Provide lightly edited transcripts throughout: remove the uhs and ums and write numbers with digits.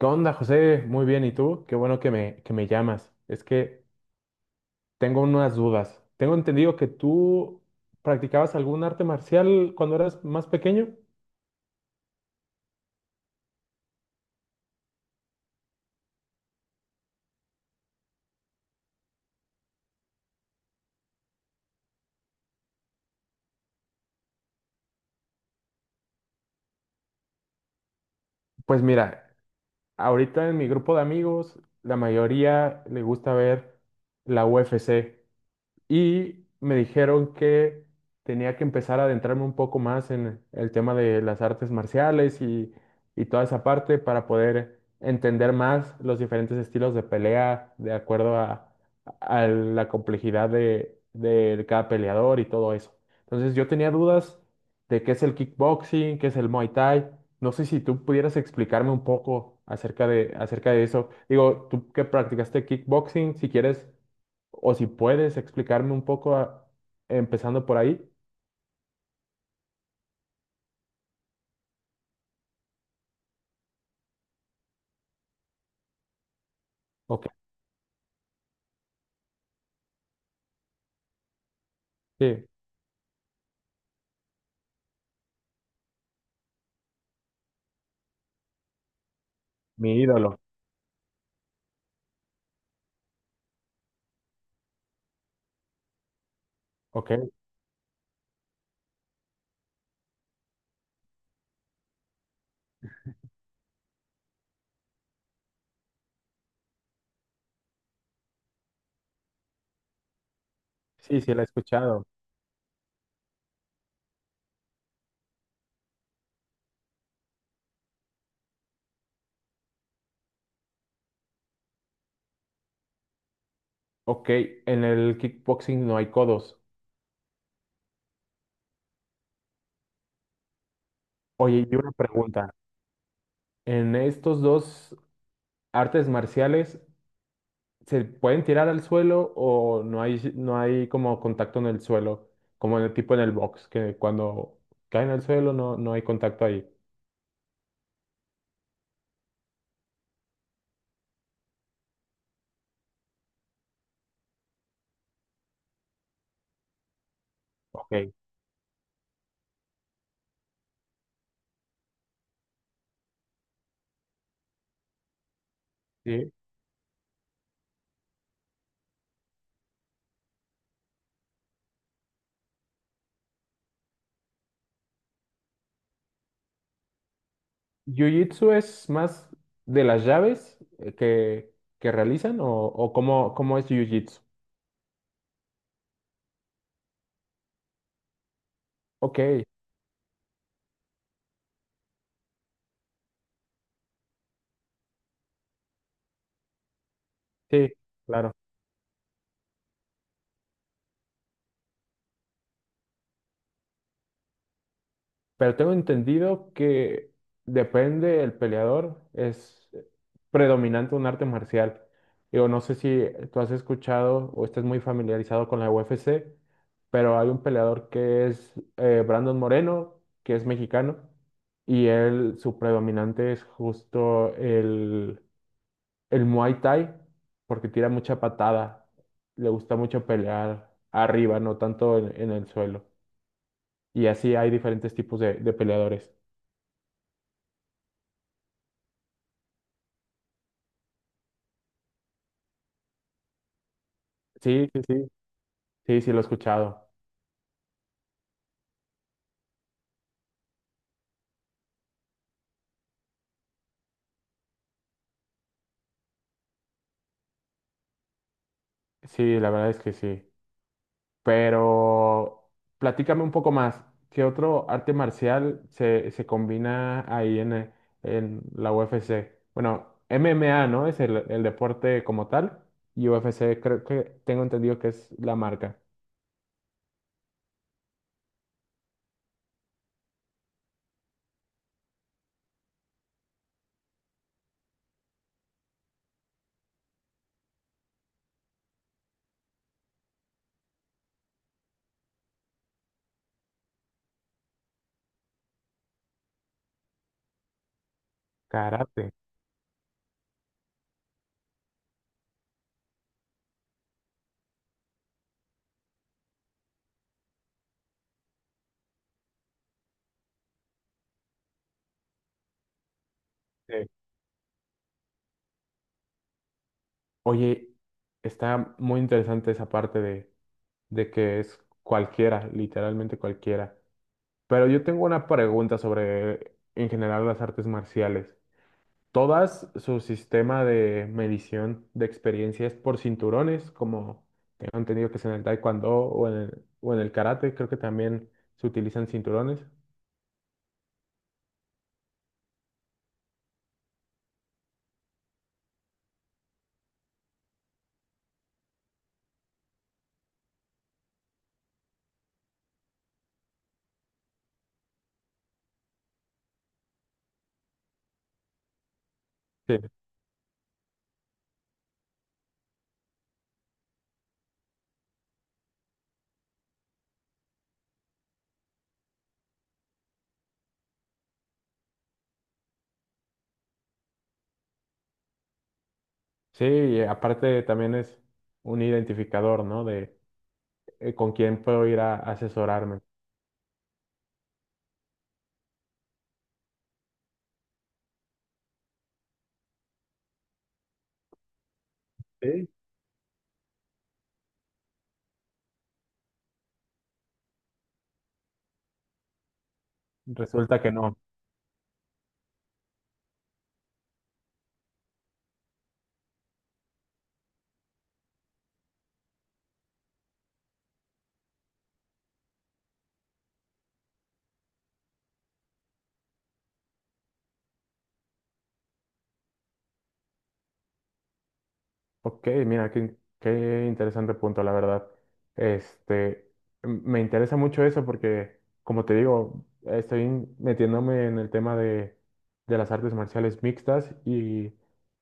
¿Qué onda, José? Muy bien, ¿y tú? Qué bueno que me llamas. Es que tengo unas dudas. Tengo entendido que tú practicabas algún arte marcial cuando eras más pequeño. Pues mira, ahorita en mi grupo de amigos, la mayoría le gusta ver la UFC. Y me dijeron que tenía que empezar a adentrarme un poco más en el tema de las artes marciales y toda esa parte para poder entender más los diferentes estilos de pelea de acuerdo a la complejidad de cada peleador y todo eso. Entonces yo tenía dudas de qué es el kickboxing, qué es el Muay Thai. No sé si tú pudieras explicarme un poco acerca de eso. Digo, tú que practicaste kickboxing, si quieres o si puedes explicarme un poco, empezando por ahí. Ok, sí, mi ídolo. Ok, sí, sí, la he escuchado. Ok, en el kickboxing no hay codos. Oye, y una pregunta. ¿En estos dos artes marciales se pueden tirar al suelo o no hay, no hay como contacto en el suelo? Como en el tipo en el box, que cuando caen al suelo no, no hay contacto ahí. Ok, sí. ¿Jiu-Jitsu es más de las llaves que realizan o cómo, cómo es Jiu-Jitsu? Ok, sí, claro. Pero tengo entendido que depende el peleador, es predominante un arte marcial. Digo, no sé si tú has escuchado o estás muy familiarizado con la UFC, pero hay un peleador que es Brandon Moreno, que es mexicano, y él, su predominante es justo el Muay Thai, porque tira mucha patada, le gusta mucho pelear arriba, no tanto en el suelo. Y así hay diferentes tipos de peleadores. Sí, sí, sí, sí, sí, lo he escuchado. Sí, la verdad es que sí. Pero platícame un poco más, ¿qué otro arte marcial se combina ahí en la UFC? Bueno, MMA, ¿no? Es el deporte como tal. Y UFC creo que tengo entendido que es la marca. Karate. Sí. Oye, está muy interesante esa parte de que es cualquiera, literalmente cualquiera. Pero yo tengo una pregunta sobre, en general, las artes marciales. ¿Todas su sistema de medición de experiencia es por cinturones, como tengo entendido que es en el taekwondo o en el karate? Creo que también se utilizan cinturones. Sí, sí, y aparte también es un identificador, ¿no? De con quién puedo ir a asesorarme. Sí. Resulta que no. Ok, mira, qué, qué interesante punto, la verdad. Este, me interesa mucho eso porque, como te digo, estoy metiéndome en el tema de las artes marciales mixtas y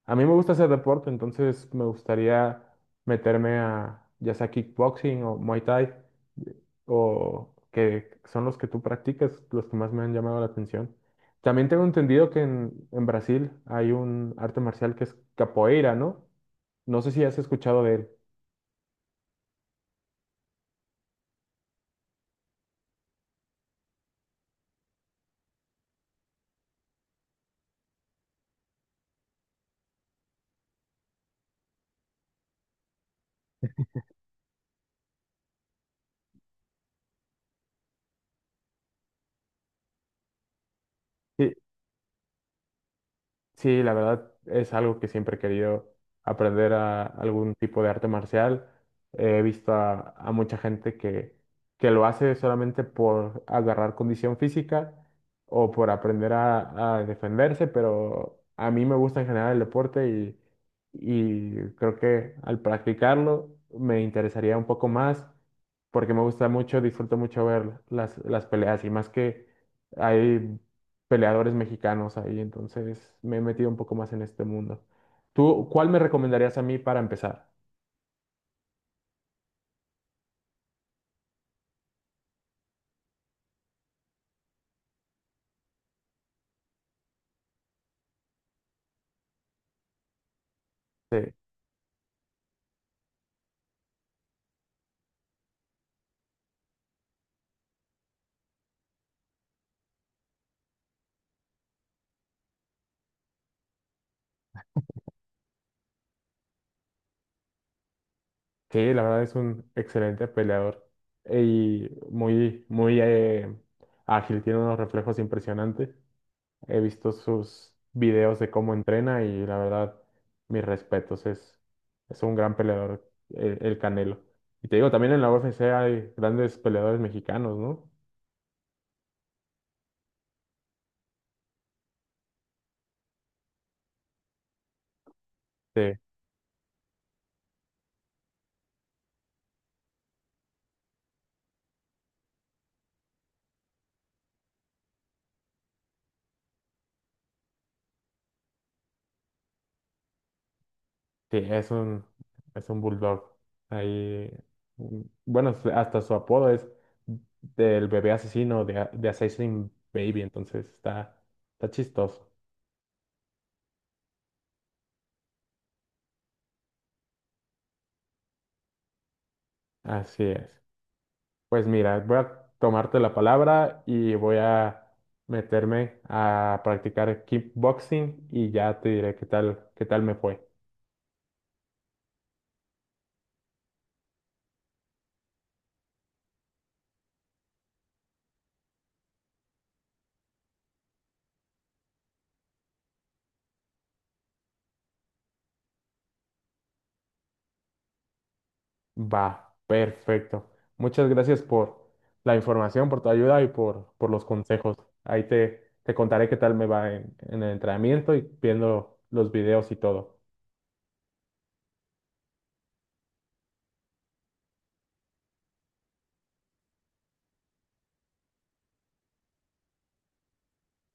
a mí me gusta hacer deporte, entonces me gustaría meterme a ya sea kickboxing o Muay Thai o que son los que tú practicas, los que más me han llamado la atención. También tengo entendido que en Brasil hay un arte marcial que es capoeira, ¿no? No sé si has escuchado de él. Sí, sí, la verdad es algo que siempre he querido aprender a algún tipo de arte marcial. He visto a mucha gente que lo hace solamente por agarrar condición física o por aprender a defenderse, pero a mí me gusta en general el deporte y creo que al practicarlo me interesaría un poco más porque me gusta mucho, disfruto mucho ver las peleas y más que... Hay peleadores mexicanos ahí, entonces me he metido un poco más en este mundo. ¿Tú cuál me recomendarías a mí para empezar? Sí, la verdad es un excelente peleador y muy, muy ágil, tiene unos reflejos impresionantes. He visto sus videos de cómo entrena y la verdad, mis respetos, es un gran peleador, el Canelo. Y te digo, también en la UFC hay grandes peleadores mexicanos, ¿no? Sí, es un bulldog. Ahí, mm, bueno, hasta su apodo es del bebé asesino de, de Assassin Baby, entonces está, está chistoso. Así es. Pues mira, voy a tomarte la palabra y voy a meterme a practicar kickboxing y ya te diré qué tal me fue. Va, perfecto. Muchas gracias por la información, por tu ayuda y por los consejos. Ahí te, te contaré qué tal me va en el entrenamiento y viendo los videos y todo.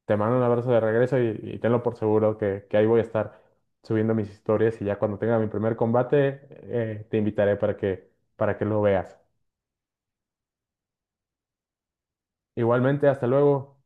Te mando un abrazo de regreso y tenlo por seguro que ahí voy a estar subiendo mis historias y ya cuando tenga mi primer combate te invitaré para que lo veas. Igualmente, hasta luego.